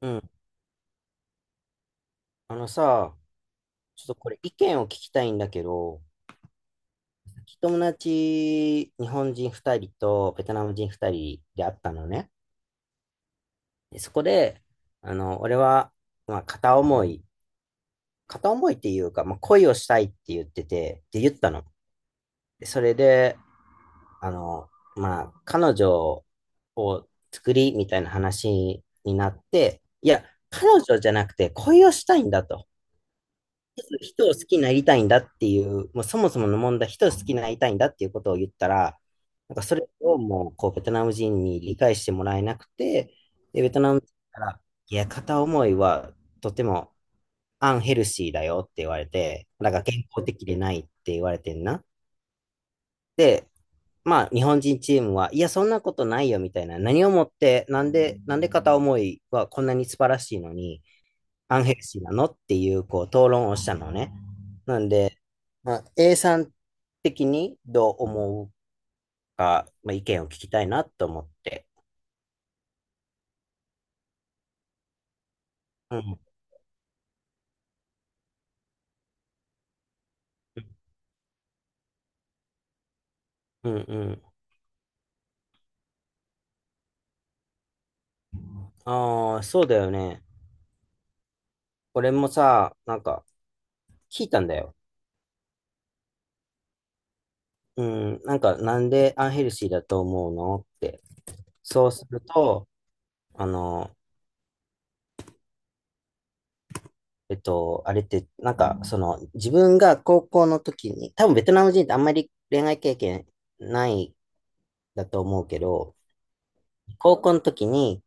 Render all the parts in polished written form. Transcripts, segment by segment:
うん。あのさ、ちょっとこれ意見を聞きたいんだけど、友達、日本人2人とベトナム人2人で会ったのね。でそこで、俺は、まあ、片思い、片思いっていうか、恋をしたいって言ってて、って言ったの。でそれで、あの、彼女を作りみたいな話になって、いや、彼女じゃなくて恋をしたいんだと。人を好きになりたいんだっていう、もうそもそもの問題、人を好きになりたいんだっていうことを言ったら、なんかそれをもう、こう、ベトナム人に理解してもらえなくて、で、ベトナム人から、いや、片思いはとてもアンヘルシーだよって言われて、なんか健康的でないって言われてんな。で、まあ、日本人チームは、いや、そんなことないよみたいな、何をもって、なんで片思いはこんなに素晴らしいのに、アンヘルシーなのっていう、こう、討論をしたのね。なんで、まあ、A さん的にどう思うか、まあ、意見を聞きたいなと思って。うん、うん、うん。ああ、そうだよね。俺もさ、なんか、聞いたんだよ。うん、なんか、なんでアンヘルシーだと思うのって。そうすると、あの、あれって、なんか、その、自分が高校の時に、多分ベトナム人ってあんまり恋愛経験ないだと思うけど、高校の時に、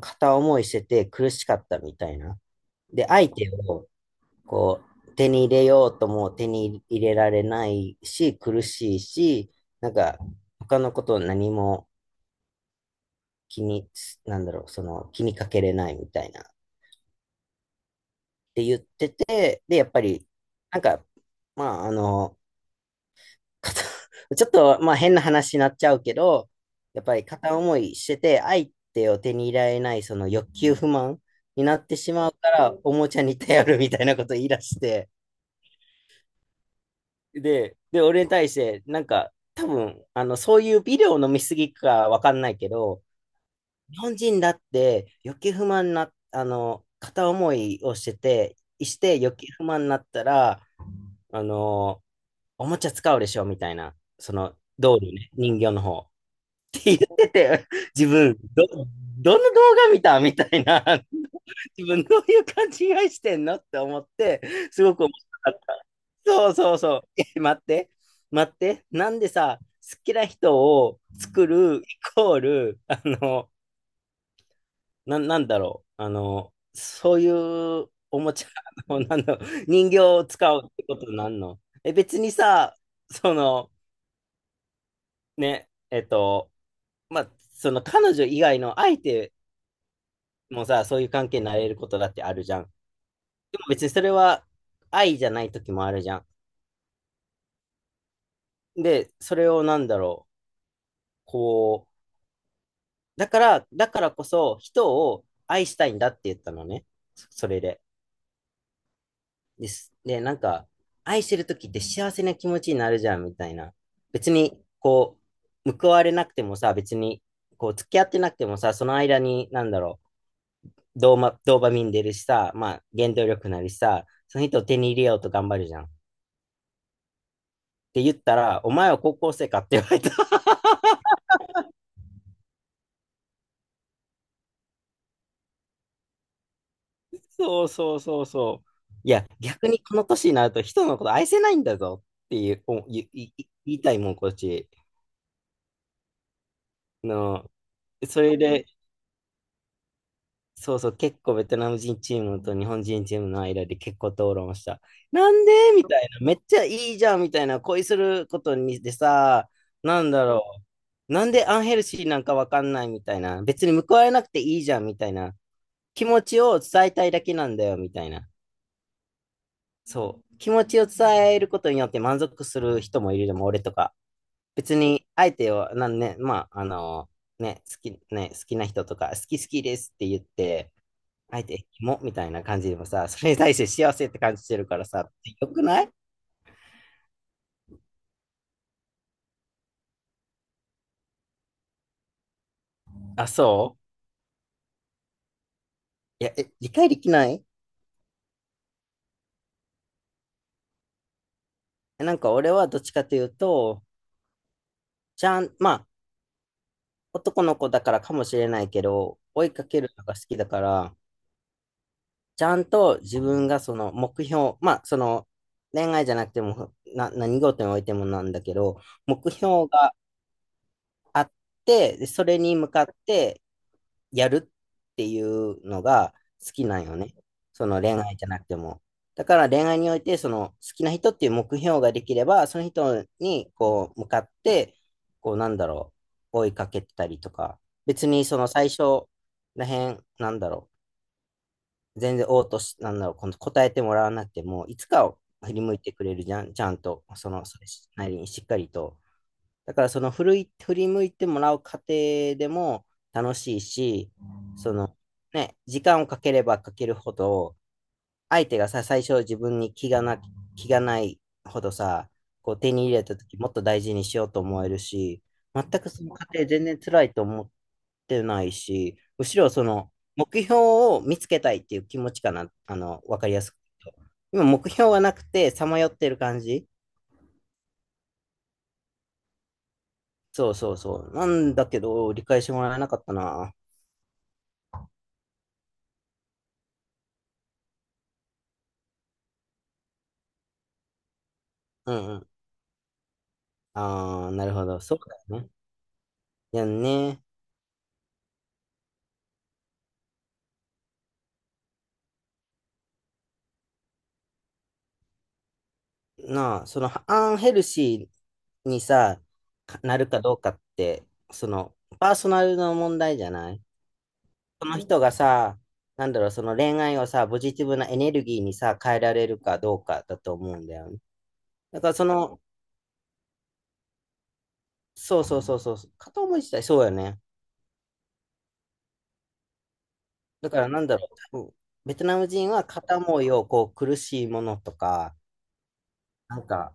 片思いしてて苦しかったみたいな。で、相手をこ手に入れようとも手に入れられないし、苦しいし、なんか他のことを何も気に、なんだろう、その気にかけれないみたいなって言ってて、で、やっぱり、なんか、まあ、あの、片 ちょっと、まあ変な話になっちゃうけど、やっぱり片思いしてて、相手を手に入れられない、その欲求不満になってしまうから、おもちゃに頼るみたいなこと言い出して、で、俺に対して、なんか、多分、あの、そういうビデオ飲みすぎかわかんないけど、日本人だって欲求不満な、あの、片思いをしてて、して欲求不満になったら、あの、おもちゃ使うでしょみたいな、その、道理ね、人形の方。言ってて、自分、ど、どの動画見たみたいな、自分どういう勘違いしてんのって思って、すごく面白かった。そうそうそう。え待って、待って、なんでさ、好きな人を作るイコール、なんだろう、あの、そういうおもちゃの、なんだろう、人形を使うってことなんのえ、別にさ、その、ね、えっと、まあ、その彼女以外の相手もうさ、そういう関係になれることだってあるじゃん。でも別にそれは愛じゃない時もあるじゃん。で、それをなんだろう、こう、だからこそ人を愛したいんだって言ったのね。そそれで。です。で、なんか、愛してる時って幸せな気持ちになるじゃんみたいな。別に、こう、報われなくてもさ、別に、こう、付き合ってなくてもさ、その間に、なんだろう、ドーパミン出るしさ、まあ、原動力なりさ、その人を手に入れようと頑張るじゃん。って言ったら、お前は高校生かって言われた。そうそうそうそう。いや、逆にこの年になると人のこと愛せないんだぞっていう、おいいい言いたいもん、こっち。の、それで、そうそう、結構ベトナム人チームと日本人チームの間で結構討論した。なんでみたいな、めっちゃいいじゃんみたいな、恋することにでさ、なんだろう。なんでアンヘルシーなんかわかんないみたいな、別に報われなくていいじゃんみたいな、気持ちを伝えたいだけなんだよみたいな。そう。気持ちを伝えることによって満足する人もいるでも、俺とか。別に、相手を、なんね、まあ、あのね、好き、ね、好きな人とか、好き好きですって言って、相手、キモみたいな感じでもさ、それに対して幸せって感じてるからさ、よくないあ、そういや、え、理解できないえなんか俺はどっちかというと、ちゃん、まあ、男の子だからかもしれないけど、追いかけるのが好きだから、ちゃんと自分がその目標、まあその恋愛じゃなくてもな何事においてもなんだけど、目標があって、でそれに向かってやるっていうのが好きなんよね。その恋愛じゃなくても。だから恋愛においてその好きな人っていう目標ができれば、その人にこう向かって、こうなんだろう、追いかけたりとか、別にその最初らへん、なんだろう、全然応答し、なんだろう、この答えてもらわなくても、いつかを振り向いてくれるじゃん、ちゃんと、その、それなりにしっかりと。だから、振り向いてもらう過程でも楽しいし、その、ね、時間をかければかけるほど、相手がさ、最初自分に気がないほどさ、こう手に入れた時もっと大事にしようと思えるし、全くその過程全然辛いと思てないし、むしろその目標を見つけたいっていう気持ちかな、あの、わかりやすく言うと。今、目標がなくて、さまよってる感じ。そうそうそう。なんだけど、理解してもらえなかったな。うんうん。ああ、なるほど。そうだよね。いやね。なあ、その、アンヘルシーにさ、かなるかどうかって、その、パーソナルの問題じゃないその人がさ、なんだろう、その恋愛をさ、ポジティブなエネルギーにさ、変えられるかどうかだと思うんだよね。だからその、そうそうそうそう、片思い自体そうよね。だからなんだろう、多分ベトナム人は片思いをこう苦しいものとか、なんか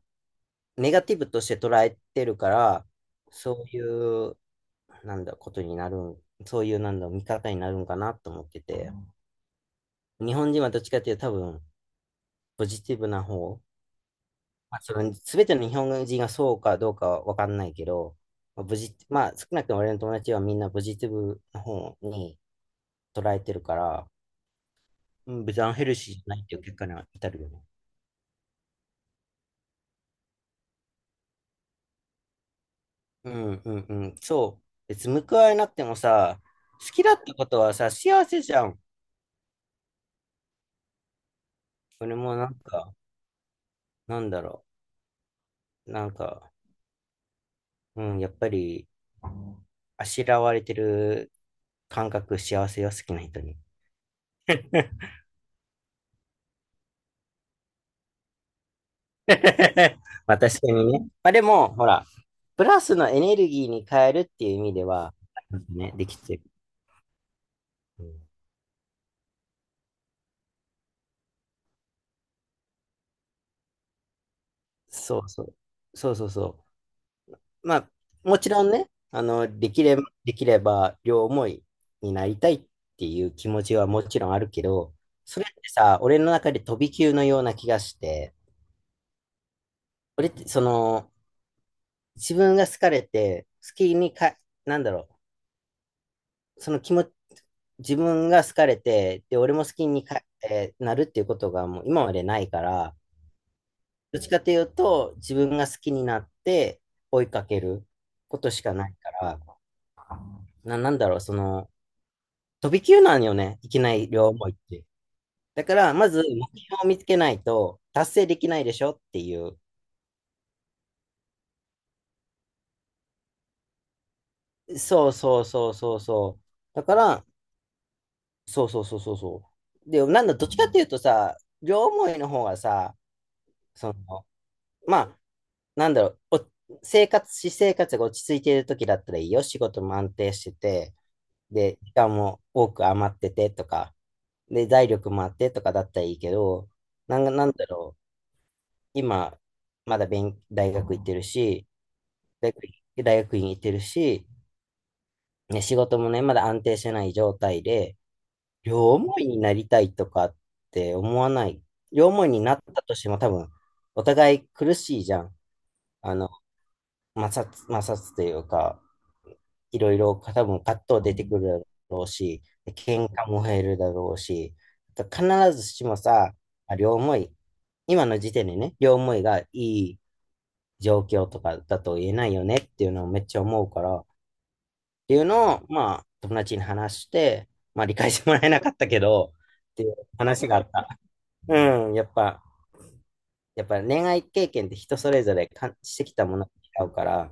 ネガティブとして捉えてるから、そういう、なんだ、ことになるん、そういうなんだ、見方になるんかなと思ってて、日本人はどっちかっていうと多分、ポジティブな方、まあ、その全ての日本人がそうかどうかは分かんないけど、まあ、少なくとも俺の友達はみんなポジティブな方に捉えてるから、うん、別にアンヘルシーじゃないっていう結果には至るよね。うんうんうん、そう。別に報われなくてもさ、好きだったことはさ、幸せじゃん。俺もなんか、なんだろう。なんか、うん、やっぱり、あしらわれてる感覚、幸せよ、好きな人に。まあ確かにね。まあでも、ほら、プラスのエネルギーに変えるっていう意味では、ね、できてる。うんそうそう。そうそうそう。まあ、もちろんね、できれば両思いになりたいっていう気持ちはもちろんあるけど、それってさ、俺の中で飛び級のような気がして、俺ってその、自分が好かれて、好きにか、なんだろう、その気持ち、自分が好かれて、で、俺も好きにか、えーなるっていうことがもう今までないから、どっちかというと、自分が好きになって追いかけることしかないから、なんだろう、その、飛び級なんよね。いきなり両思いって。だから、まず目標を見つけないと達成できないでしょっていう。そうそうそうそうそう。だから、そうそうそうそうそう。で、なんだ、どっちかっていうとさ、両思いの方がさ、その、まあ、なんだろう、お生活、私生活が落ち着いている時だったらいいよ。仕事も安定してて、で、時間も多く余っててとか、で、財力もあってとかだったらいいけど、なんか、なんだろう。今、まだ勉、大学行ってるし、大学、大学院行ってるし、ね、仕事もね、まだ安定してない状態で、両思いになりたいとかって思わない。両思いになったとしても多分、お互い苦しいじゃん。あの、摩擦というか、いろいろ多分葛藤出てくるだろうし、喧嘩も減るだろうし、必ずしもさ、両思い、今の時点でね、両思いがいい状況とかだと言えないよねっていうのをめっちゃ思うから、っていうのを、まあ、友達に話して、まあ、理解してもらえなかったけど、っていう話があった。うん、やっぱ恋愛経験って人それぞれ感してきたものが違うから、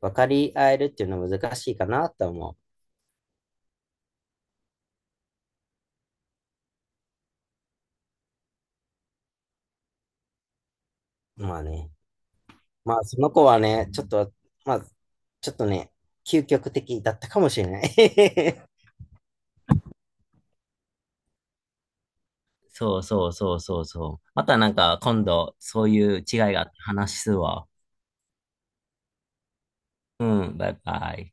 分かり合えるっていうのは難しいかなとは思う。まあね。まあ、その子はね、ちょっと、まあ、ちょっとね、究極的だったかもしれない。そうそうそうそうそう。またなんか今度そういう違いがあって話すわ。うん。バイバイ。